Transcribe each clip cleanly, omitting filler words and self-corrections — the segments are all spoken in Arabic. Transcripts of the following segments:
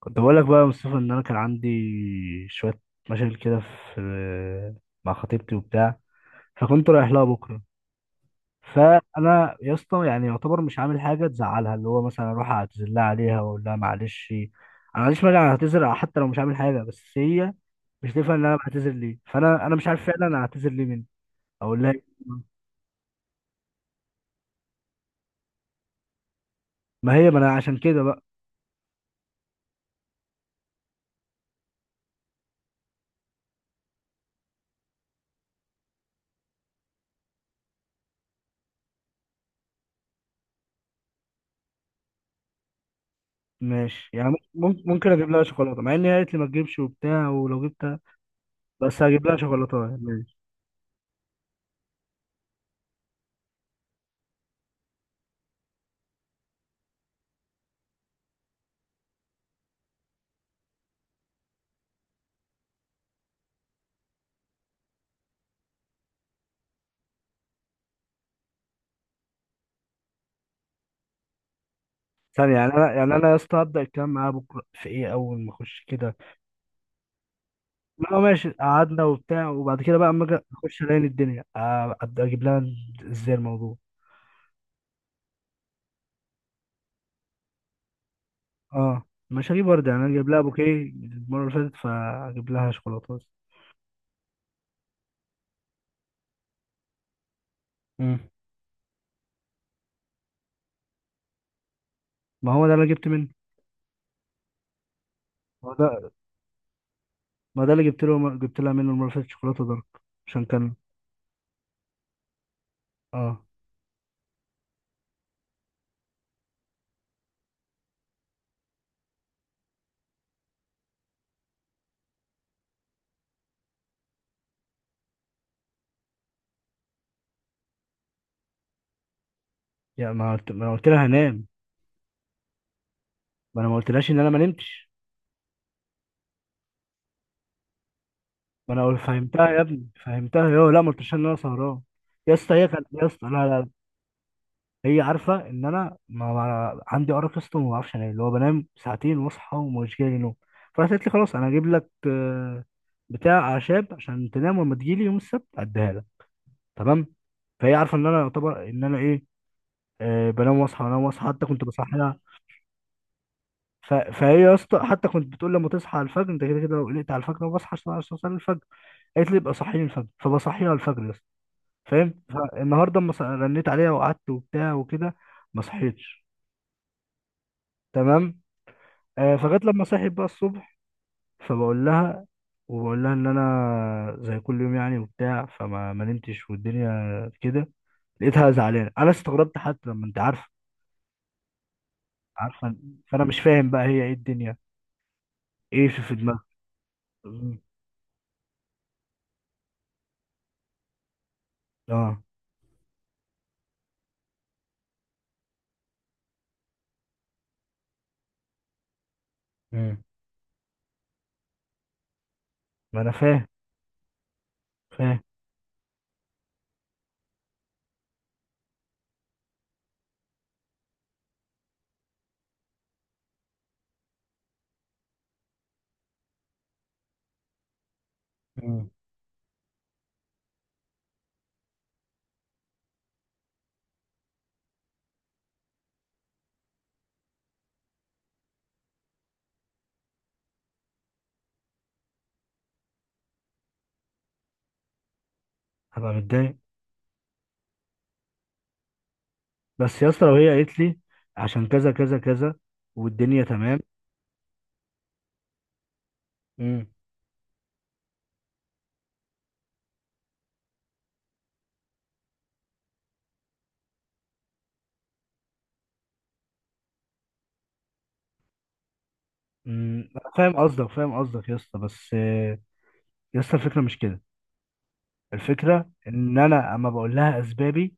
كنت بقول لك بقى يا مصطفى ان انا كان عندي شويه مشاكل كده في مع خطيبتي وبتاع، فكنت رايح لها بكره. فانا يا اسطى يعني يعتبر مش عامل حاجه تزعلها، اللي هو مثلا اروح اعتذر لها عليها واقول لها معلش انا، معلش مانع اعتذر حتى لو مش عامل حاجه، بس هي مش تفهم ان انا بعتذر ليه. فانا مش عارف فعلا انا اعتذر ليه مني. اقول لها إيه؟ ما هي ما انا عشان كده بقى. ماشي يعني ممكن اجيب لها شوكولاته مع ان هي قالت لي ما تجيبش وبتاع، ولو جبتها بس هجيب لها شوكولاته يعني. ثانية، يعني أنا، يعني أنا يا اسطى هبدأ الكلام معاه بكرة في إيه أول ما أخش كده؟ لا ماشي، قعدنا وبتاع وبعد كده بقى أما أجي أخش ألاقي الدنيا أبدأ أجيب لها إزاي الموضوع. أه مش هجيب ورد، يعني أنا جايب لها بوكيه المرة اللي فاتت فأجيب لها شوكولاتة بس. مم. ما هو ده اللي أنا جبت منه. ما هو ده، ما هو ده اللي جبت له، جبت لها منه المرة اللي فاتت شوكولاتة دارك عشان كان. أه. يعني ما قلت، ما أنا قلت لها هنام. ما أنا ما قلتلهاش إن أنا ما نمتش. ما أنا قلت- فهمتها يا ابني، فهمتها يا لا، ما قلتلهاش إن أنا سهران. يا اسطى هي كانت يا اسطى، لا لا، هي عارفه ان انا عندي ارق اصلا وما بعرفش انام، اللي هو بنام ساعتين واصحى ومش جاي لي نوم. فراحت قالت لي خلاص انا هجيب لك بتاع اعشاب عشان تنام، ولما تجيلي يوم السبت اديها لك. تمام. فهي عارفه ان انا يعتبر ان انا ايه، بنام واصحى بنام واصحى، حتى كنت بصحيها. فهي يا اسطى حتى كنت بتقول لما تصحى على الفجر انت كده كده لو قلقت على الفجر انا بصحى عشان اوصل الفجر. قالت لي ابقى صحيني الفجر، فبصحيها على الفجر يا اسطى، فاهم؟ فالنهارده رنيت عليها وقعدت وبتاع وكده. ما صحيتش. تمام. فجت لما صحيت بقى الصبح. فبقول لها، وبقول لها ان انا زي كل يوم يعني وبتاع، فما ما نمتش والدنيا كده. لقيتها زعلانه، انا استغربت حتى لما انت عارفه. عارفه. فانا مش فاهم بقى هي ايه الدنيا، ايه في دماغها. مم. اه. مم. ما انا فاهم. فاهم. مم. هبقى متضايق. بس يا اسطى لو هي قالت لي عشان كذا كذا كذا والدنيا تمام. مم. مم، انا فاهم قصدك، فاهم قصدك يا اسطى، بس آه، يا اسطى الفكره مش كده. الفكرة إن أنا أما بقول لها أسبابي،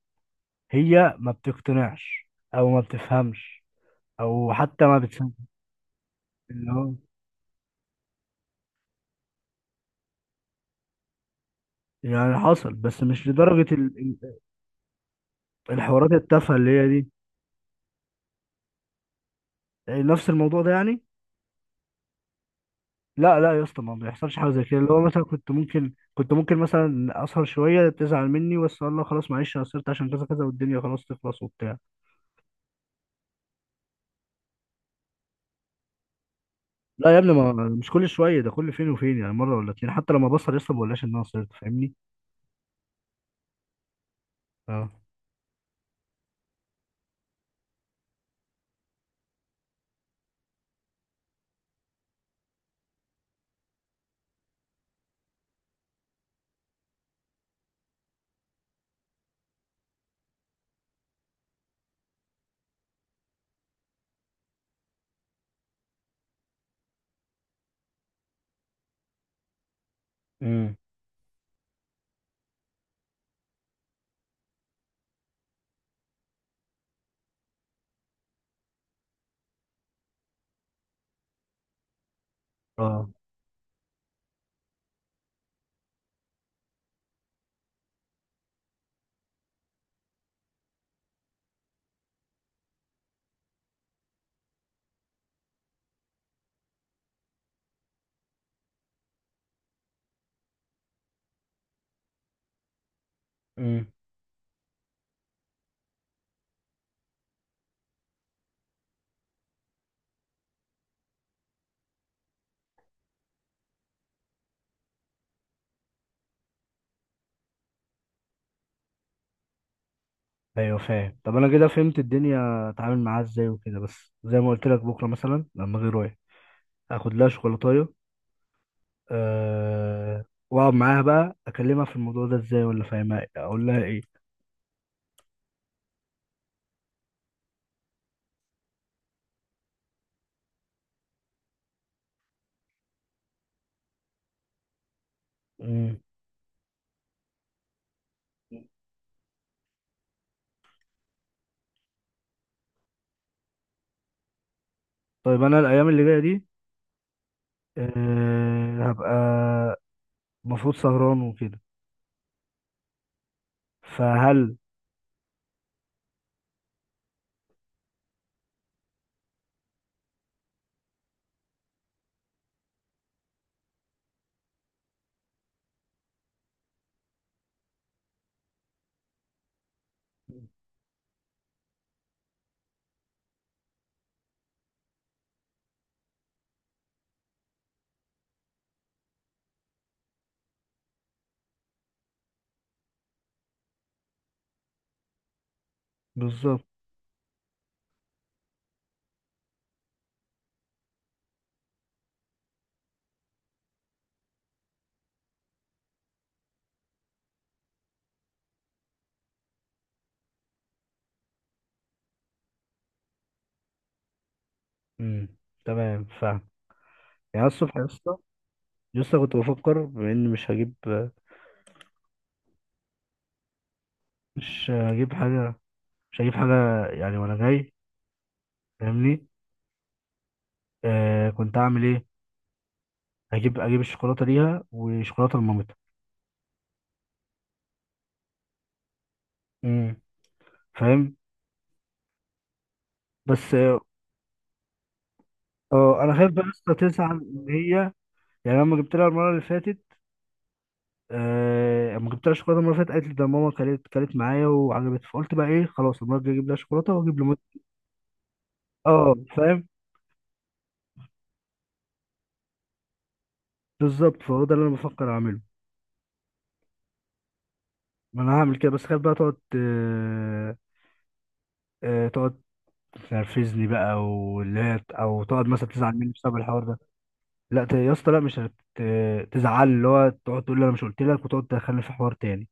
هي ما بتقتنعش، أو ما بتفهمش، أو حتى ما بتصدق. اللي هو يعني حصل بس مش لدرجة الحوارات التافهة اللي هي دي. يعني نفس الموضوع ده يعني. لا لا يا اسطى، ما بيحصلش حاجة زي كده، اللي هو مثلا كنت ممكن، مثلا أسهر شوية تزعل مني، بس أقول لها خلاص معلش أنا قصرت عشان كذا كذا والدنيا خلاص تخلص وبتاع. لا يا ابني، ما مش كل شوية ده، كل فين وفين، يعني مرة ولا اتنين، حتى لما بسهر يا اسطى ما بقولهاش إن أنا قصرت، فاهمني؟ اه. امم. اه. امم. ايوه فاهم. طب انا كده فهمت الدنيا اتعامل معاها ازاي وكده، بس زي ما قلت لك بكره مثلا لما اجي رايح اخد لها شوكولاتايه، أه... واقعد معاها بقى اكلمها في الموضوع ده ازاي، ولا فاهمها إيه؟ اقول لها ايه؟ مم. طيب انا الايام اللي جايه دي هبقى المفروض سهران وكده، فهل؟ بالظبط. مم. تمام فاهم. يعني الصبح يا اسطى لسه كنت بفكر بما اني مش هجيب. مش هجيب حاجه، مش هجيب حاجه يعني وانا جاي، فاهمني؟ آه كنت اعمل ايه، اجيب، اجيب الشوكولاته ليها وشوكولاته لمامتها. امم. فاهم. بس اه، آه، انا خايف بقى لسه تزعل ان هي، يعني لما جبت لها المره اللي فاتت، آه لما جبت لها شوكولاته المره اللي فاتت قالت لي ده ماما كلت كلت معايا وعجبت، فقلت بقى ايه خلاص المره الجايه اجيب لها شوكولاته واجيب لمامتها. اه فاهم. بالظبط، فهو ده اللي انا بفكر اعمله. ما انا هعمل كده، بس خايف بقى تقعد آه، آه تقعد تنرفزني بقى واللي هي، او تقعد مثلا تزعل مني بسبب الحوار ده. لا ت- يا اسطى لا، مش هتزعل، اللي هو تقعد تقول لي انا مش قلت لك وتقعد تدخلني في حوار تاني.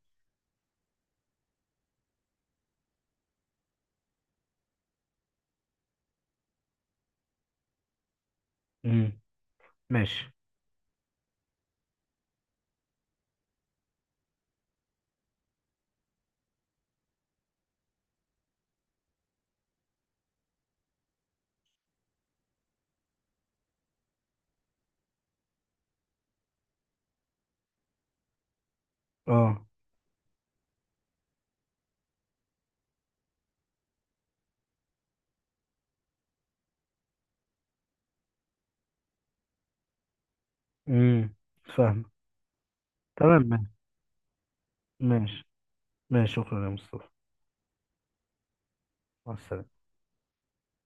امم. ماشي. اه. امم. فاهم. تمام. ماشي. ماشي، شكرا يا مصطفى. مع السلامة.